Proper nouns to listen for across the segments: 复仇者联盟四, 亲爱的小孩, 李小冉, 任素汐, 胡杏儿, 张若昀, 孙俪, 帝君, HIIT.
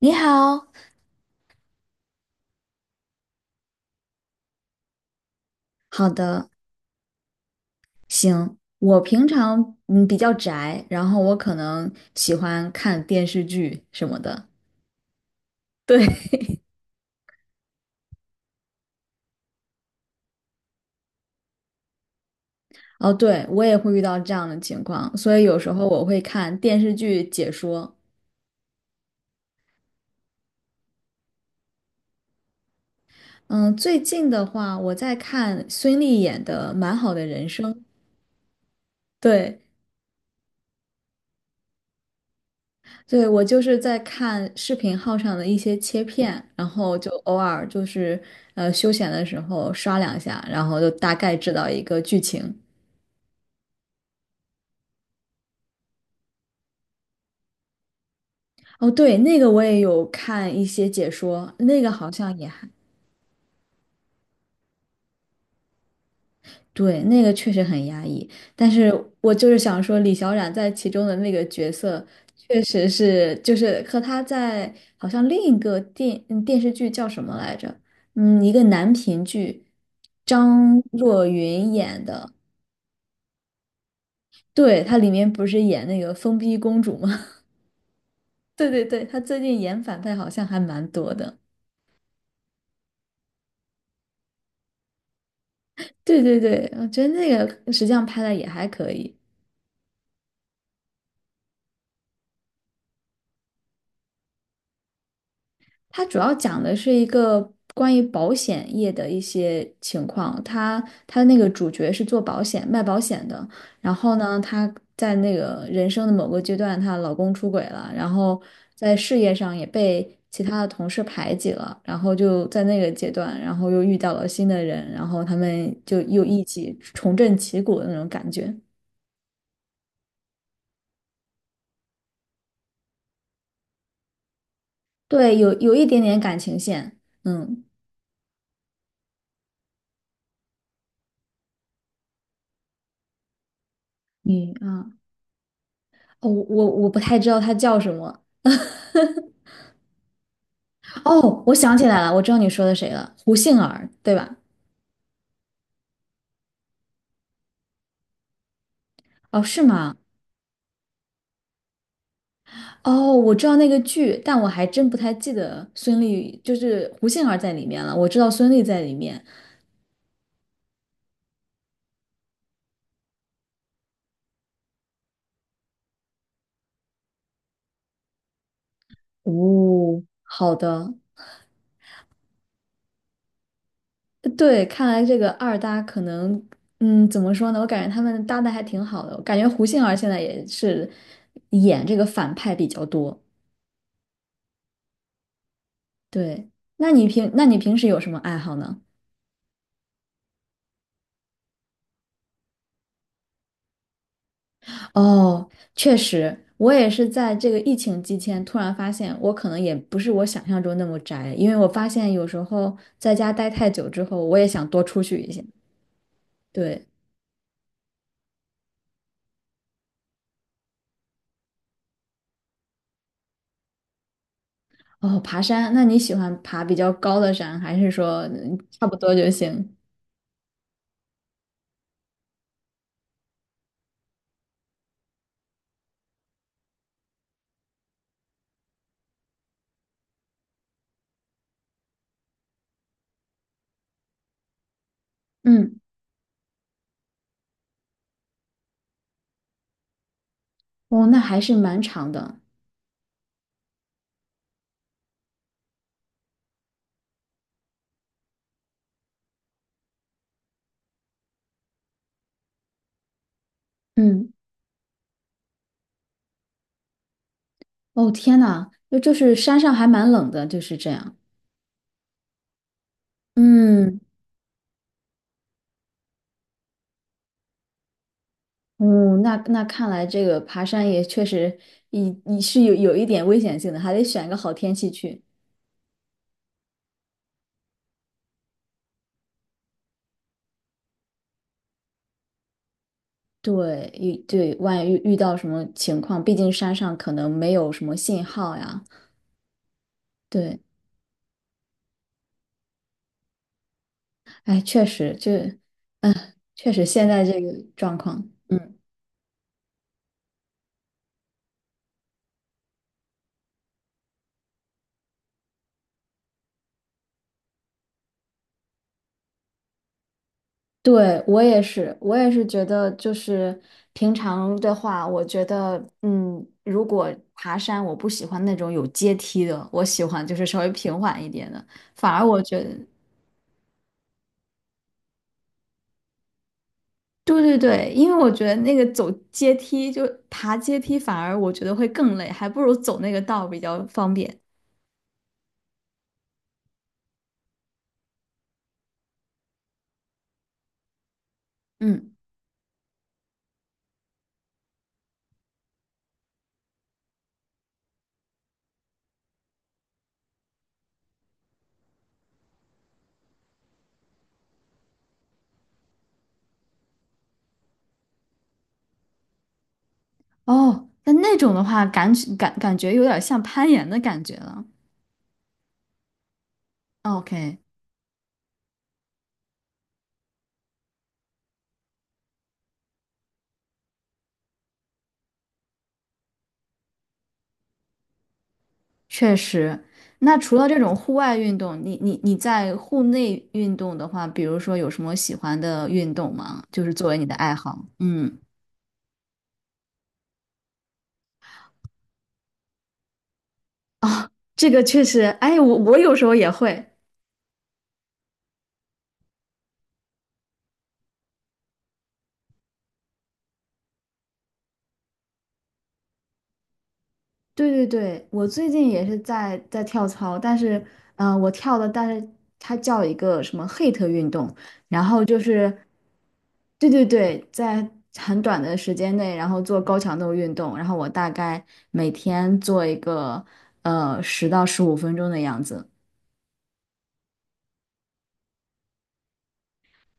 你好，好的，行。我平常比较宅，然后我可能喜欢看电视剧什么的。对，哦，对，我也会遇到这样的情况，所以有时候我会看电视剧解说。嗯，最近的话，我在看孙俪演的《蛮好的人生》。对，对，我就是在看视频号上的一些切片，然后就偶尔休闲的时候刷两下，然后就大概知道一个剧情。哦，对，那个我也有看一些解说，那个好像也还，对，那个确实很压抑。但是我就是想说，李小冉在其中的那个角色，确实是就是和她在好像另一个电嗯电视剧叫什么来着？嗯，一个男频剧，张若昀演的。对，她里面不是演那个疯逼公主吗？对对对，她最近演反派好像还蛮多的。对对对，我觉得那个实际上拍的也还可以。它主要讲的是一个关于保险业的一些情况。他那个主角是做保险、卖保险的，然后呢，她在那个人生的某个阶段，她老公出轨了，然后在事业上也被其他的同事排挤了，然后就在那个阶段，然后又遇到了新的人，然后他们就又一起重振旗鼓的那种感觉。对，有一点点感情线。嗯，你啊，哦，我不太知道他叫什么。哦，我想起来了，我知道你说的谁了，胡杏儿，对吧？哦，是吗？哦，我知道那个剧，但我还真不太记得孙俪，就是胡杏儿在里面了。我知道孙俪在里面。哦，好的，对，看来这个二搭可能，嗯，怎么说呢？我感觉他们搭的还挺好的，我感觉胡杏儿现在也是演这个反派比较多。对，那你平时有什么爱好呢？哦，确实，我也是在这个疫情期间突然发现，我可能也不是我想象中那么宅，因为我发现有时候在家待太久之后，我也想多出去一些。对，哦，爬山，那你喜欢爬比较高的山，还是说差不多就行？嗯，哦，那还是蛮长的。嗯，哦，天呐，就是山上还蛮冷的，就是这样。嗯。嗯，那看来这个爬山也确实你是有一点危险性的，还得选个好天气去。对，万一遇到什么情况，毕竟山上可能没有什么信号呀。对，哎，确实，确实现在这个状况，嗯，对，我也是，我也是觉得，就是平常的话，我觉得，嗯，如果爬山，我不喜欢那种有阶梯的，我喜欢就是稍微平缓一点的。反而我觉得。对对对，因为我觉得那个走阶梯，就爬阶梯，反而我觉得会更累，还不如走那个道比较方便。嗯，哦，那那种的话，感觉有点像攀岩的感觉了。OK,确实。那除了这种户外运动，你在户内运动的话，比如说有什么喜欢的运动吗？就是作为你的爱好。嗯，啊这个确实，哎，我有时候也会。对对对，我最近也是在跳操，但是，嗯，我跳的，但是它叫一个什么 HIIT 运动，然后就是，对对对，在很短的时间内，然后做高强度运动，然后我大概每天做一个10到15分钟的样子。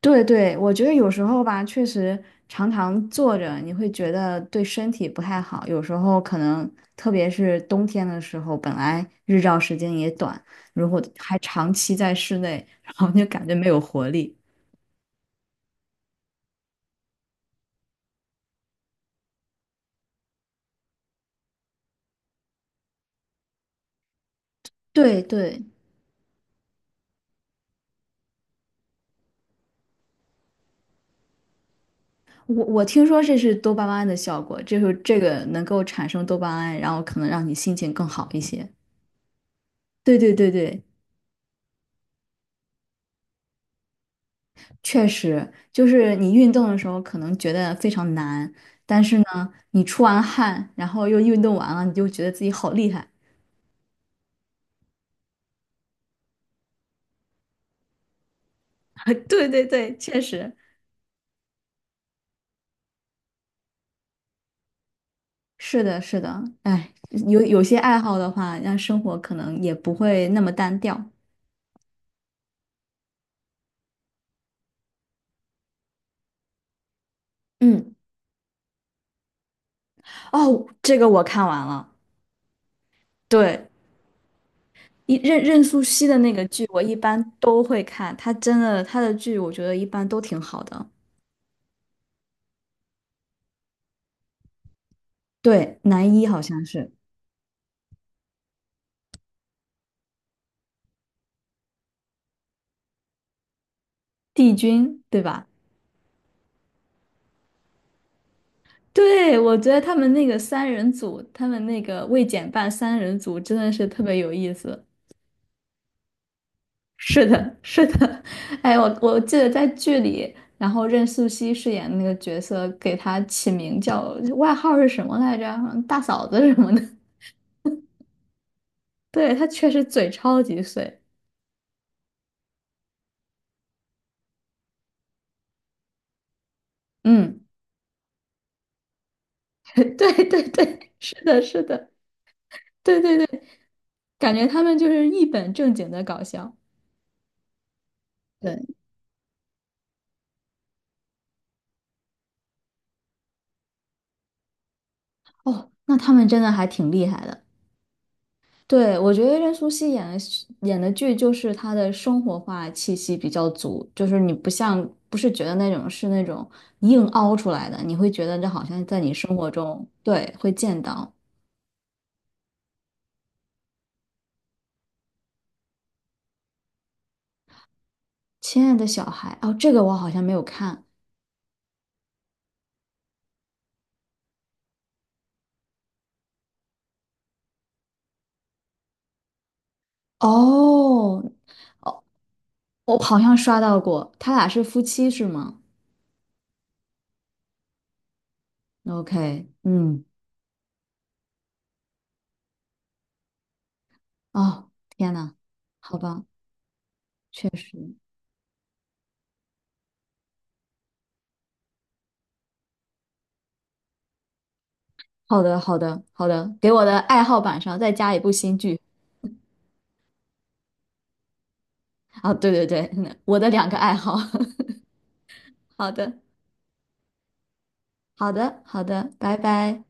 对对，我觉得有时候吧，确实常常坐着，你会觉得对身体不太好。有时候可能，特别是冬天的时候，本来日照时间也短，如果还长期在室内，然后就感觉没有活力。对对，我听说这是多巴胺的效果，就是这个能够产生多巴胺，然后可能让你心情更好一些。对对对对，确实，就是你运动的时候可能觉得非常难，但是呢，你出完汗，然后又运动完了，你就觉得自己好厉害。对对对，确实。是的，是的，哎，有些爱好的话，让生活可能也不会那么单调。嗯，哦，这个我看完了，对，任素汐的那个剧，我一般都会看，她真的她的剧，我觉得一般都挺好的。对，男一好像是帝君，对吧？对，我觉得他们那个三人组，他们那个未减半三人组真的是特别有意思。是的，是的，哎，我记得在剧里，然后任素汐饰演的那个角色，给她起名叫外号是什么来着？好像大嫂子什么的。对，她确实嘴超级碎。嗯，对对对，是的，是的，对对对，感觉他们就是一本正经的搞笑。对，哦，那他们真的还挺厉害的。对，我觉得任素汐演的戏演的剧就是她的生活化气息比较足，就是你不像不是觉得那种是那种硬凹出来的，你会觉得这好像在你生活中，对，会见到。亲爱的小孩，哦，这个我好像没有看。哦，哦，我好像刷到过，他俩是夫妻是吗？OK,嗯，哦，天呐，好吧，确实，好的，好的，好的，给我的爱好榜上再加一部新剧。啊，对对对，我的两个爱好。好的，好的，好的，拜拜。